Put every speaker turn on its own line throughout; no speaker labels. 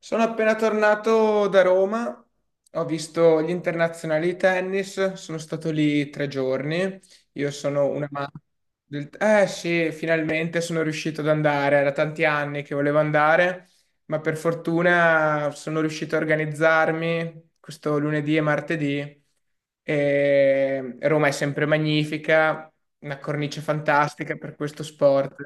Sono appena tornato da Roma, ho visto gli internazionali di tennis, sono stato lì 3 giorni. Io sono un amante del... Eh sì, finalmente sono riuscito ad andare, era tanti anni che volevo andare, ma per fortuna sono riuscito a organizzarmi questo lunedì e martedì. E Roma è sempre magnifica, una cornice fantastica per questo sport.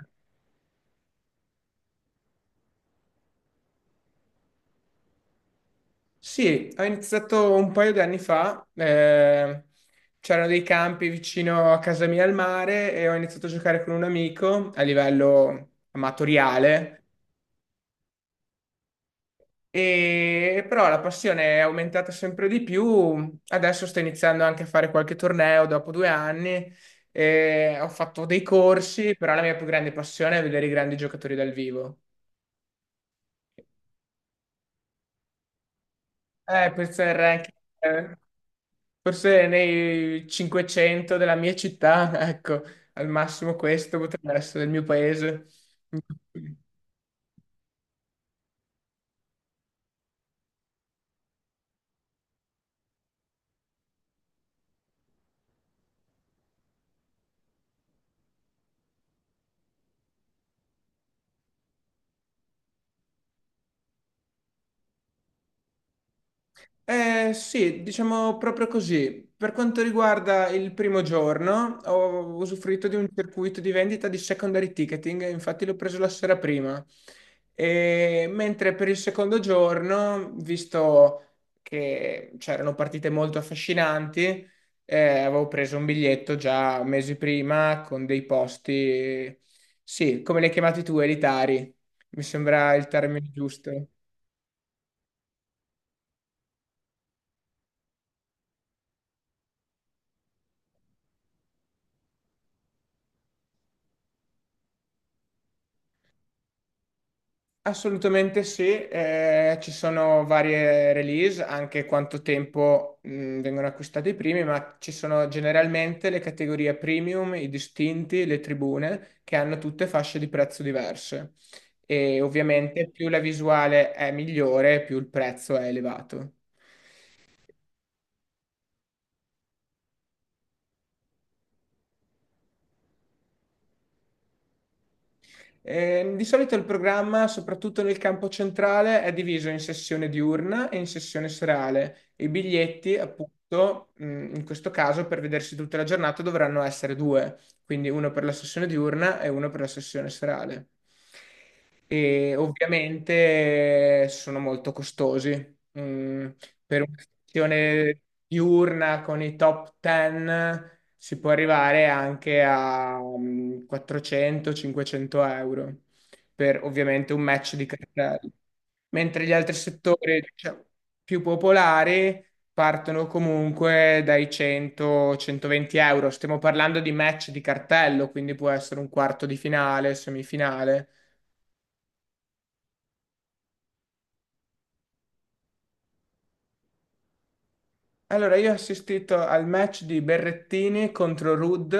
Sì, ho iniziato un paio di anni fa, c'erano dei campi vicino a casa mia al mare e ho iniziato a giocare con un amico a livello amatoriale, e, però la passione è aumentata sempre di più, adesso sto iniziando anche a fare qualche torneo dopo 2 anni, e ho fatto dei corsi, però la mia più grande passione è vedere i grandi giocatori dal vivo. Questo è il ranking. Eh. Forse nei 500 della mia città, ecco, al massimo questo potrebbe essere il mio paese. Sì, diciamo proprio così. Per quanto riguarda il primo giorno, ho usufruito di un circuito di vendita di secondary ticketing, infatti l'ho preso la sera prima. E mentre per il secondo giorno, visto che c'erano partite molto affascinanti, avevo preso un biglietto già mesi prima con dei posti, sì, come li hai chiamati tu, elitari. Mi sembra il termine giusto. Assolutamente sì, ci sono varie release, anche quanto tempo vengono acquistati i primi, ma ci sono generalmente le categorie premium, i distinti, le tribune, che hanno tutte fasce di prezzo diverse. E ovviamente più la visuale è migliore, più il prezzo è elevato. Di solito il programma, soprattutto nel campo centrale, è diviso in sessione diurna e in sessione serale. I biglietti, appunto, in questo caso per vedersi tutta la giornata dovranno essere due, quindi uno per la sessione diurna e uno per la sessione serale. E ovviamente sono molto costosi. Per una sessione diurna con i top 10 si può arrivare anche a 400-500 euro per ovviamente un match di cartelli, mentre gli altri settori, diciamo, più popolari partono comunque dai 100-120 euro. Stiamo parlando di match di cartello, quindi può essere un quarto di finale, semifinale. Allora, io ho assistito al match di Berrettini contro Rudd,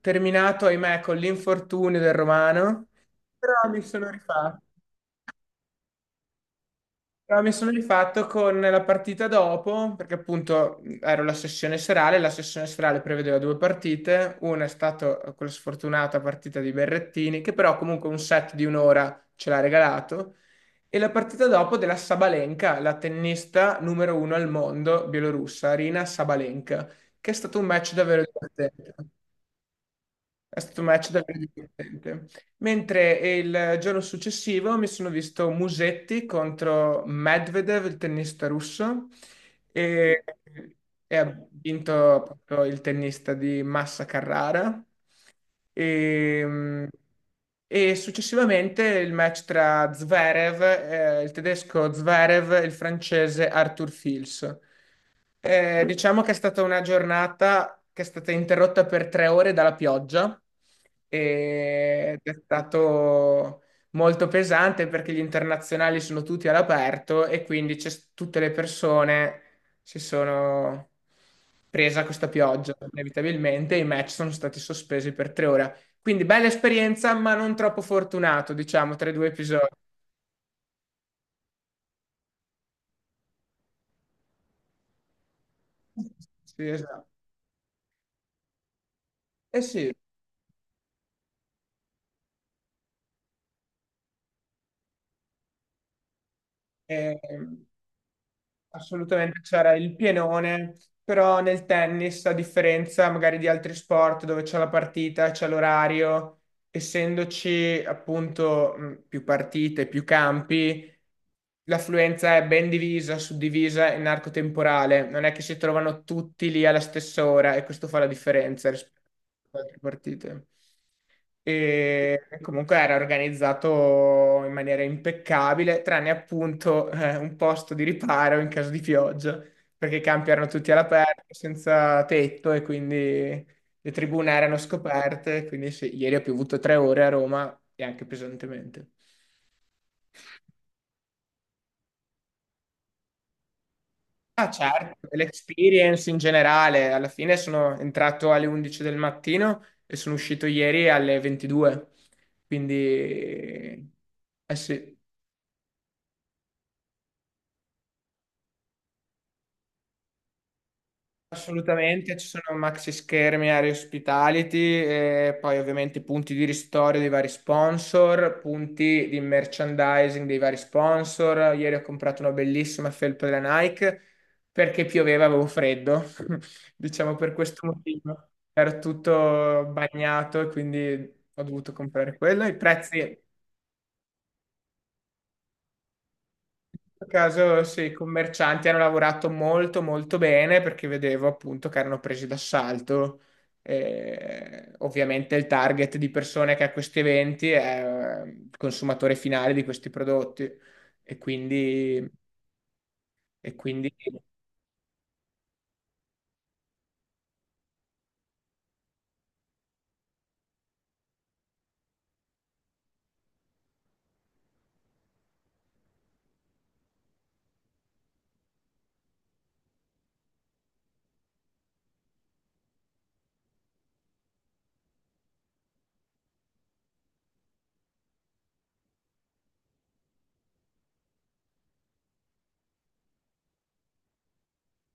terminato, ahimè, con l'infortunio del Romano, però mi sono rifatto. No, mi sono rifatto con la partita dopo, perché appunto ero la sessione serale prevedeva due partite, una è stata quella sfortunata partita di Berrettini, che però comunque un set di un'ora ce l'ha regalato, e la partita dopo della Sabalenka, la tennista numero uno al mondo bielorussa, Arina Sabalenka, che è stato un match davvero divertente. È stato un match davvero divertente. Mentre il giorno successivo mi sono visto Musetti contro Medvedev, il tennista russo, e, e ha vinto proprio il tennista di Massa Carrara. E, e successivamente il match tra Zverev, il tedesco Zverev e il francese Arthur Fils. Diciamo che è stata una giornata che è stata interrotta per 3 ore dalla pioggia ed è stato molto pesante perché gli internazionali sono tutti all'aperto e quindi tutte le persone si sono presa questa pioggia inevitabilmente e i match sono stati sospesi per 3 ore. Quindi bella esperienza, ma non troppo fortunato, diciamo, tra i due episodi. Sì, esatto. Eh sì, ehm, assolutamente c'era il pienone, però nel tennis, a differenza magari di altri sport dove c'è la partita, c'è l'orario, essendoci appunto più partite, più campi, l'affluenza è ben divisa, suddivisa in arco temporale, non è che si trovano tutti lì alla stessa ora e questo fa la differenza rispetto ad altre partite. E comunque era organizzato in maniera impeccabile, tranne appunto un posto di riparo in caso di pioggia, perché i campi erano tutti all'aperto, senza tetto e quindi le tribune erano scoperte, quindi sì, ieri ha piovuto 3 ore a Roma e anche pesantemente. Ah, certo, l'esperience in generale, alla fine sono entrato alle 11 del mattino e sono uscito ieri alle 22, quindi eh sì, assolutamente ci sono maxi schermi, area hospitality, e poi ovviamente punti di ristoro dei vari sponsor, punti di merchandising dei vari sponsor. Ieri ho comprato una bellissima felpa della Nike perché pioveva, avevo freddo. Diciamo per questo motivo era tutto bagnato e quindi ho dovuto comprare quello. I prezzi, in questo caso, sì, i commercianti hanno lavorato molto molto bene perché vedevo appunto che erano presi d'assalto. Ovviamente il target di persone che a questi eventi è il consumatore finale di questi prodotti e quindi, e quindi.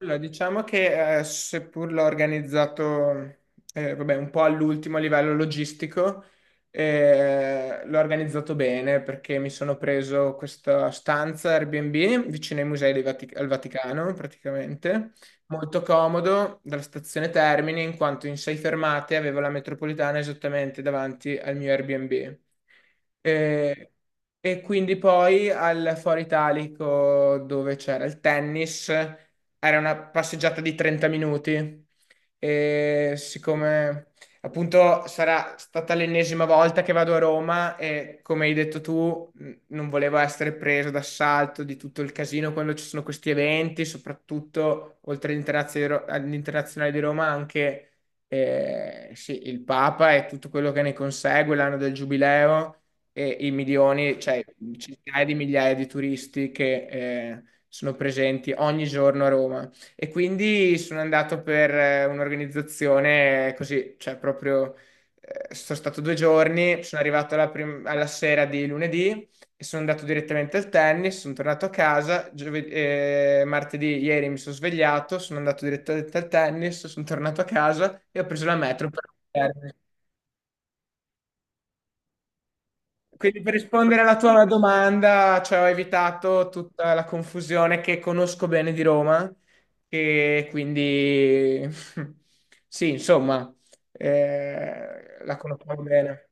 Allora, diciamo che seppur l'ho organizzato vabbè, un po' all'ultimo a livello logistico, l'ho organizzato bene perché mi sono preso questa stanza Airbnb vicino ai musei dei al Vaticano, praticamente, molto comodo dalla stazione Termini, in quanto in 6 fermate avevo la metropolitana esattamente davanti al mio Airbnb. E, e quindi poi al Foro Italico dove c'era il tennis era una passeggiata di 30 minuti e siccome appunto sarà stata l'ennesima volta che vado a Roma e come hai detto tu non volevo essere preso d'assalto di tutto il casino quando ci sono questi eventi, soprattutto oltre all'Internazionale di Roma anche sì, il Papa e tutto quello che ne consegue, l'anno del Giubileo e i milioni, cioè centinaia di migliaia di turisti che eh, sono presenti ogni giorno a Roma e quindi sono andato per un'organizzazione così, cioè proprio sono stato 2 giorni, sono arrivato alla sera di lunedì e sono andato direttamente al tennis, sono tornato a casa, martedì ieri mi sono svegliato, sono andato direttamente al tennis, sono tornato a casa e ho preso la metro per. Quindi per rispondere alla tua domanda, cioè ho evitato tutta la confusione che conosco bene di Roma, e quindi sì, insomma, la conosco bene.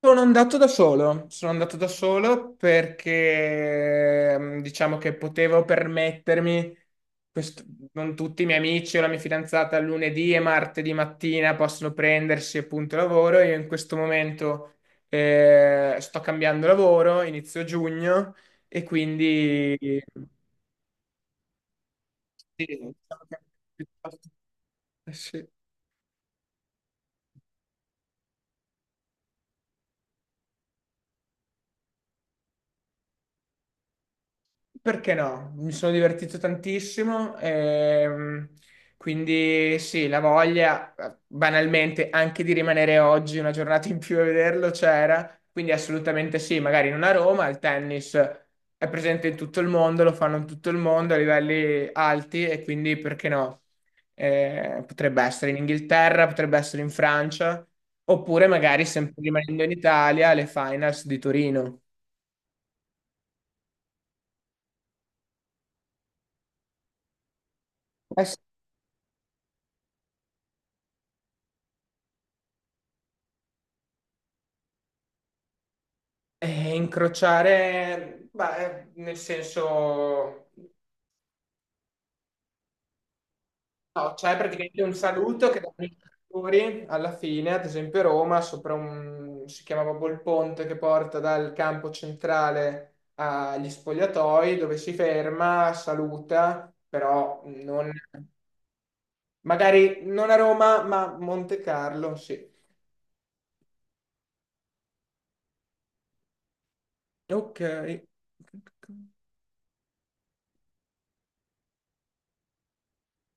Sono andato da solo, sono andato da solo perché diciamo che potevo permettermi, questo- non tutti i miei amici o la mia fidanzata lunedì e martedì mattina possono prendersi appunto lavoro, io in questo momento sto cambiando lavoro, inizio giugno e quindi sì, diciamo che- sì. Perché no? Mi sono divertito tantissimo, quindi sì, la voglia banalmente anche di rimanere oggi una giornata in più a vederlo c'era, quindi assolutamente sì, magari non a Roma, il tennis è presente in tutto il mondo, lo fanno in tutto il mondo a livelli alti e quindi perché no? Potrebbe essere in Inghilterra, potrebbe essere in Francia, oppure magari sempre rimanendo in Italia, le finals di Torino. Incrociare, beh, nel senso, no, c'è praticamente un saluto che danno i giocatori alla fine, ad esempio Roma, sopra un, si chiama proprio il ponte che porta dal campo centrale agli spogliatoi, dove si ferma, saluta, però non, magari non a Roma, ma Monte Carlo, sì. Ok.